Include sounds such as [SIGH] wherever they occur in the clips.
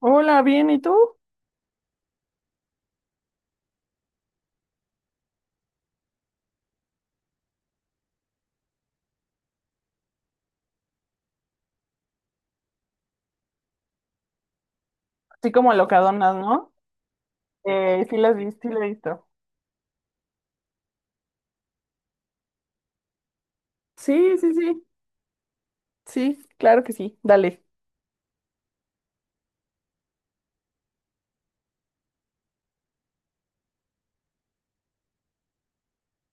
Hola, bien, ¿y tú? Así como locadonas, ¿no? Sí las vi, las he visto. Sí, sí, sí, sí, claro que sí, dale.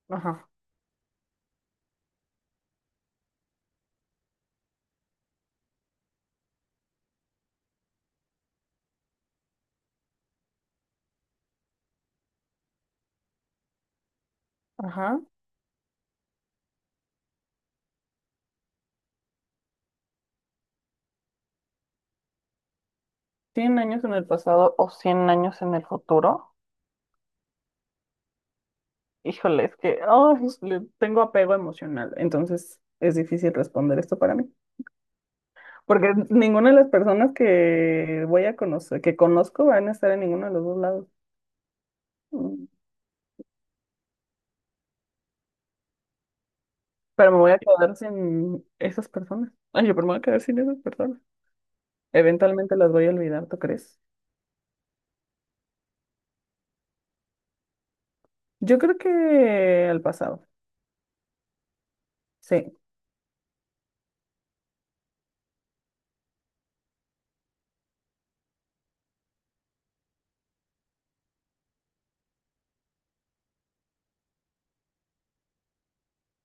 Ajá, ajá. ¿Cien años en el pasado o 100 años en el futuro? Híjole, es que ay, le tengo apego emocional, entonces es difícil responder esto para mí. Porque ninguna de las personas que voy a conocer, que conozco, van a estar en ninguno de los dos lados. Mm. Pero me voy a quedar sin esas personas. Ay, pero me voy a quedar sin esas personas. Eventualmente las voy a olvidar, ¿tú crees? Yo creo que al pasado. Sí.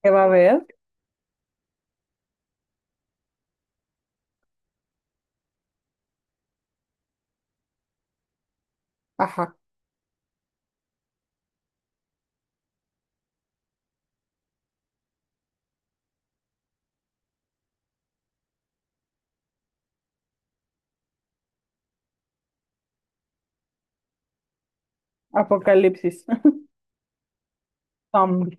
¿Qué va a haber? Ajá. ¡Apocalipsis! [LAUGHS] Zombie.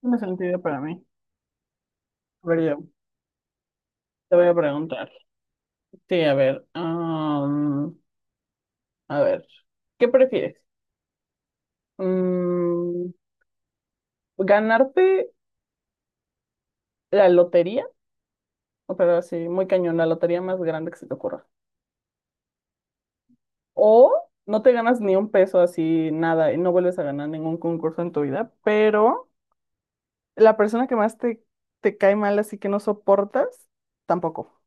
Tiene sentido para mí. A ver, yo te voy a preguntar. Sí, a ver. A ver. ¿Qué prefieres? Mm, ¿Ganarte la lotería? O, pero así, muy cañón, la lotería más grande que se te ocurra. O no te ganas ni un peso así, nada, y no vuelves a ganar ningún concurso en tu vida, pero la persona que más te cae mal, así que no soportas, tampoco.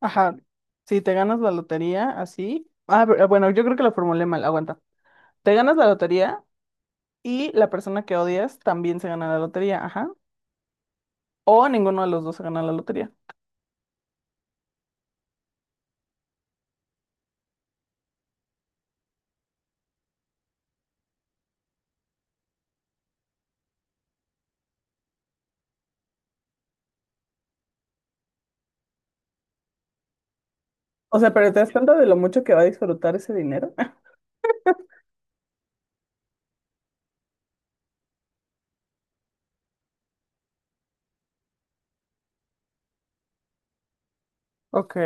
Ajá. Si te ganas la lotería, así. Ah, pero, bueno, yo creo que la formulé mal, aguanta. Te ganas la lotería y la persona que odias también se gana la lotería, ajá. O ninguno de los dos se gana la lotería. O sea, pero ¿te das cuenta de lo mucho que va a disfrutar ese dinero? [LAUGHS] Ok,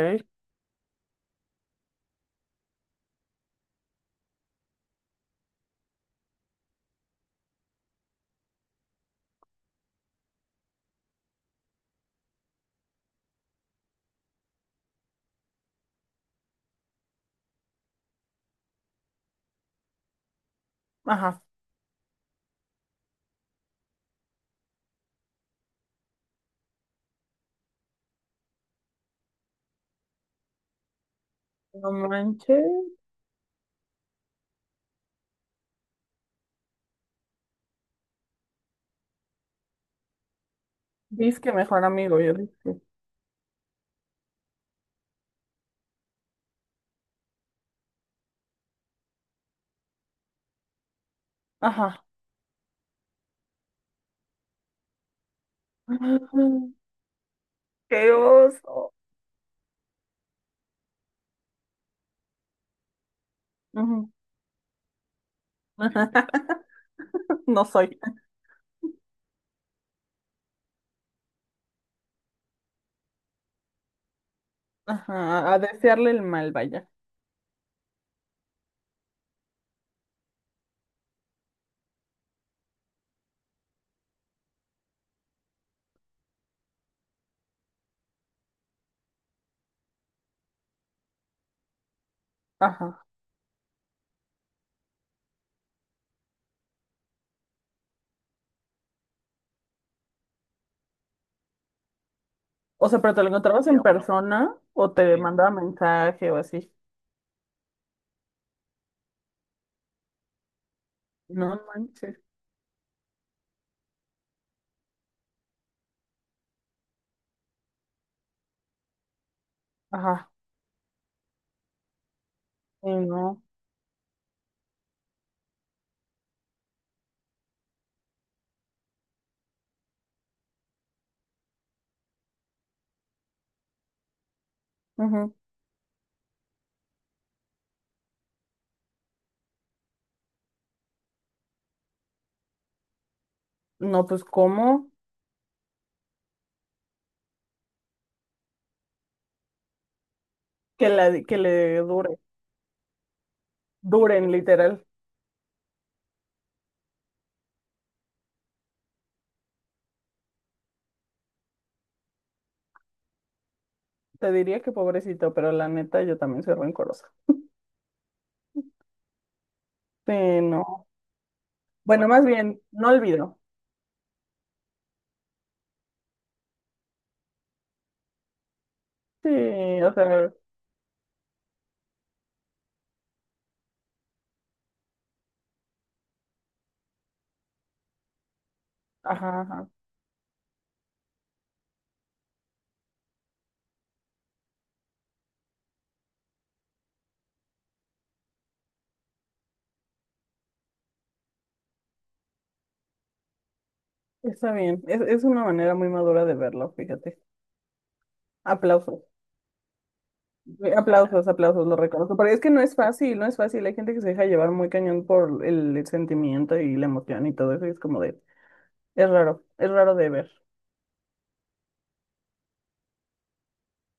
ajá. No manches. Dice que mejor amigo, yo dije. Ajá. [LAUGHS] ¡Qué oso! Ujú. [LAUGHS] No soy. Ajá, a desearle el mal, vaya. Ajá. O sea, pero te lo encontrabas en bueno, persona o te. Mandaba mensaje o así. No manches. Ajá. Y no. Ujú. No, pues ¿cómo? Que la, que le dure. Duren, literal. Te diría que pobrecito, pero la neta yo también soy rencorosa. Sí, no. Bueno, más bien, no olvido. Sí, o sea, ajá. Está bien. Es una manera muy madura de verlo, fíjate. Aplausos. Aplausos, aplausos, lo reconozco. Pero es que no es fácil, no es fácil. Hay gente que se deja llevar muy cañón por el sentimiento y la emoción y todo eso. Y es como es raro de ver.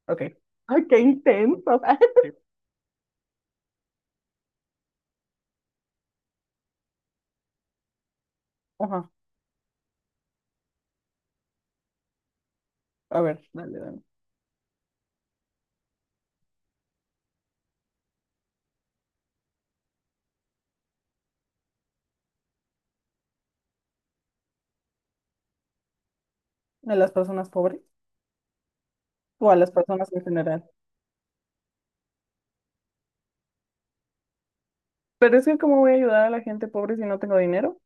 Ok. Ay, qué intenso. [LAUGHS] Ajá. A ver, dale, dale. ¿A las personas pobres? O a las personas en general. Pero es que, ¿cómo voy a ayudar a la gente pobre si no tengo dinero?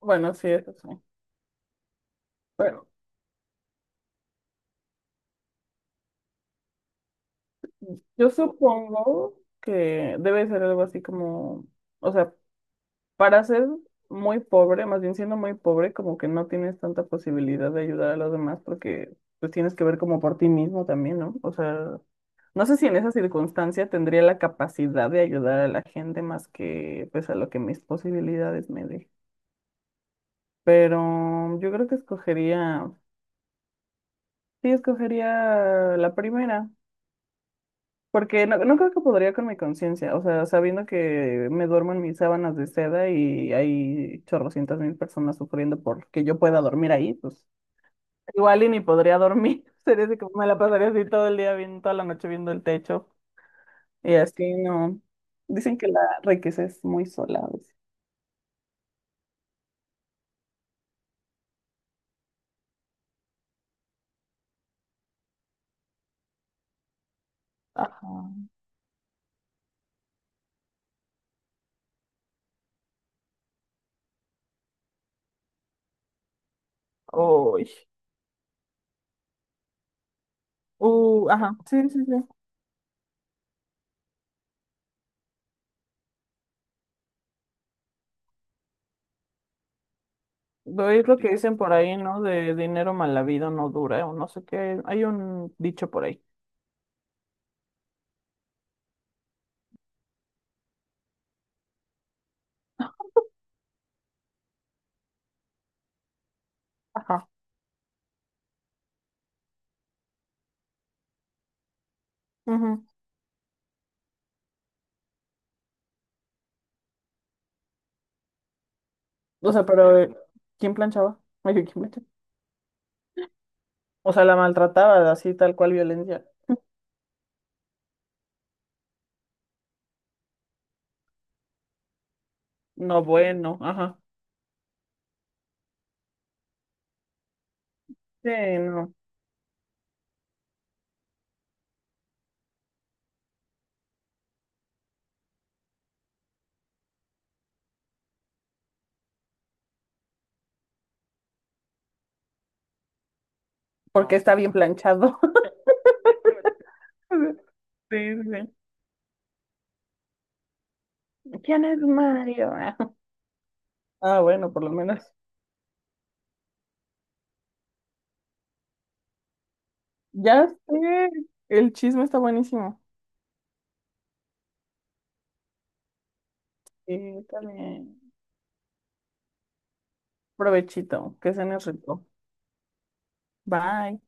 Bueno, sí, eso sí. Bueno, yo supongo que debe ser algo así como, o sea, para ser muy pobre, más bien siendo muy pobre, como que no tienes tanta posibilidad de ayudar a los demás porque pues tienes que ver como por ti mismo también, ¿no? O sea, no sé si en esa circunstancia tendría la capacidad de ayudar a la gente más que pues a lo que mis posibilidades me dejen. Pero yo creo que sí, escogería la primera. Porque no, no creo que podría con mi conciencia, o sea, sabiendo que me duermo en mis sábanas de seda y hay chorrocientas mil personas sufriendo porque yo pueda dormir ahí, pues igual y ni podría dormir, [LAUGHS] sería así como me la pasaría así todo el día viendo, toda la noche viendo el techo y así no. Dicen que la riqueza es muy sola a veces. Ajá. Uy. Ajá. Sí, sí, sí. Lo es lo que dicen por ahí, ¿no? De dinero mal habido no dura, o no sé qué, hay un dicho por ahí. Ajá. Ujú. O sea, pero ¿quién planchaba? [LAUGHS] Ay, ¿quién planchaba? O sea, la maltrataba así, tal cual violencia. No, bueno, ajá. Sí, no. Porque está bien planchado. [LAUGHS] Sí, sí. Sí. ¿Quién es Mario? [LAUGHS] Ah, ah, bueno, por lo menos. Ya sé. El chisme está buenísimo. Sí, está bien. Provechito, que se rico. Bye.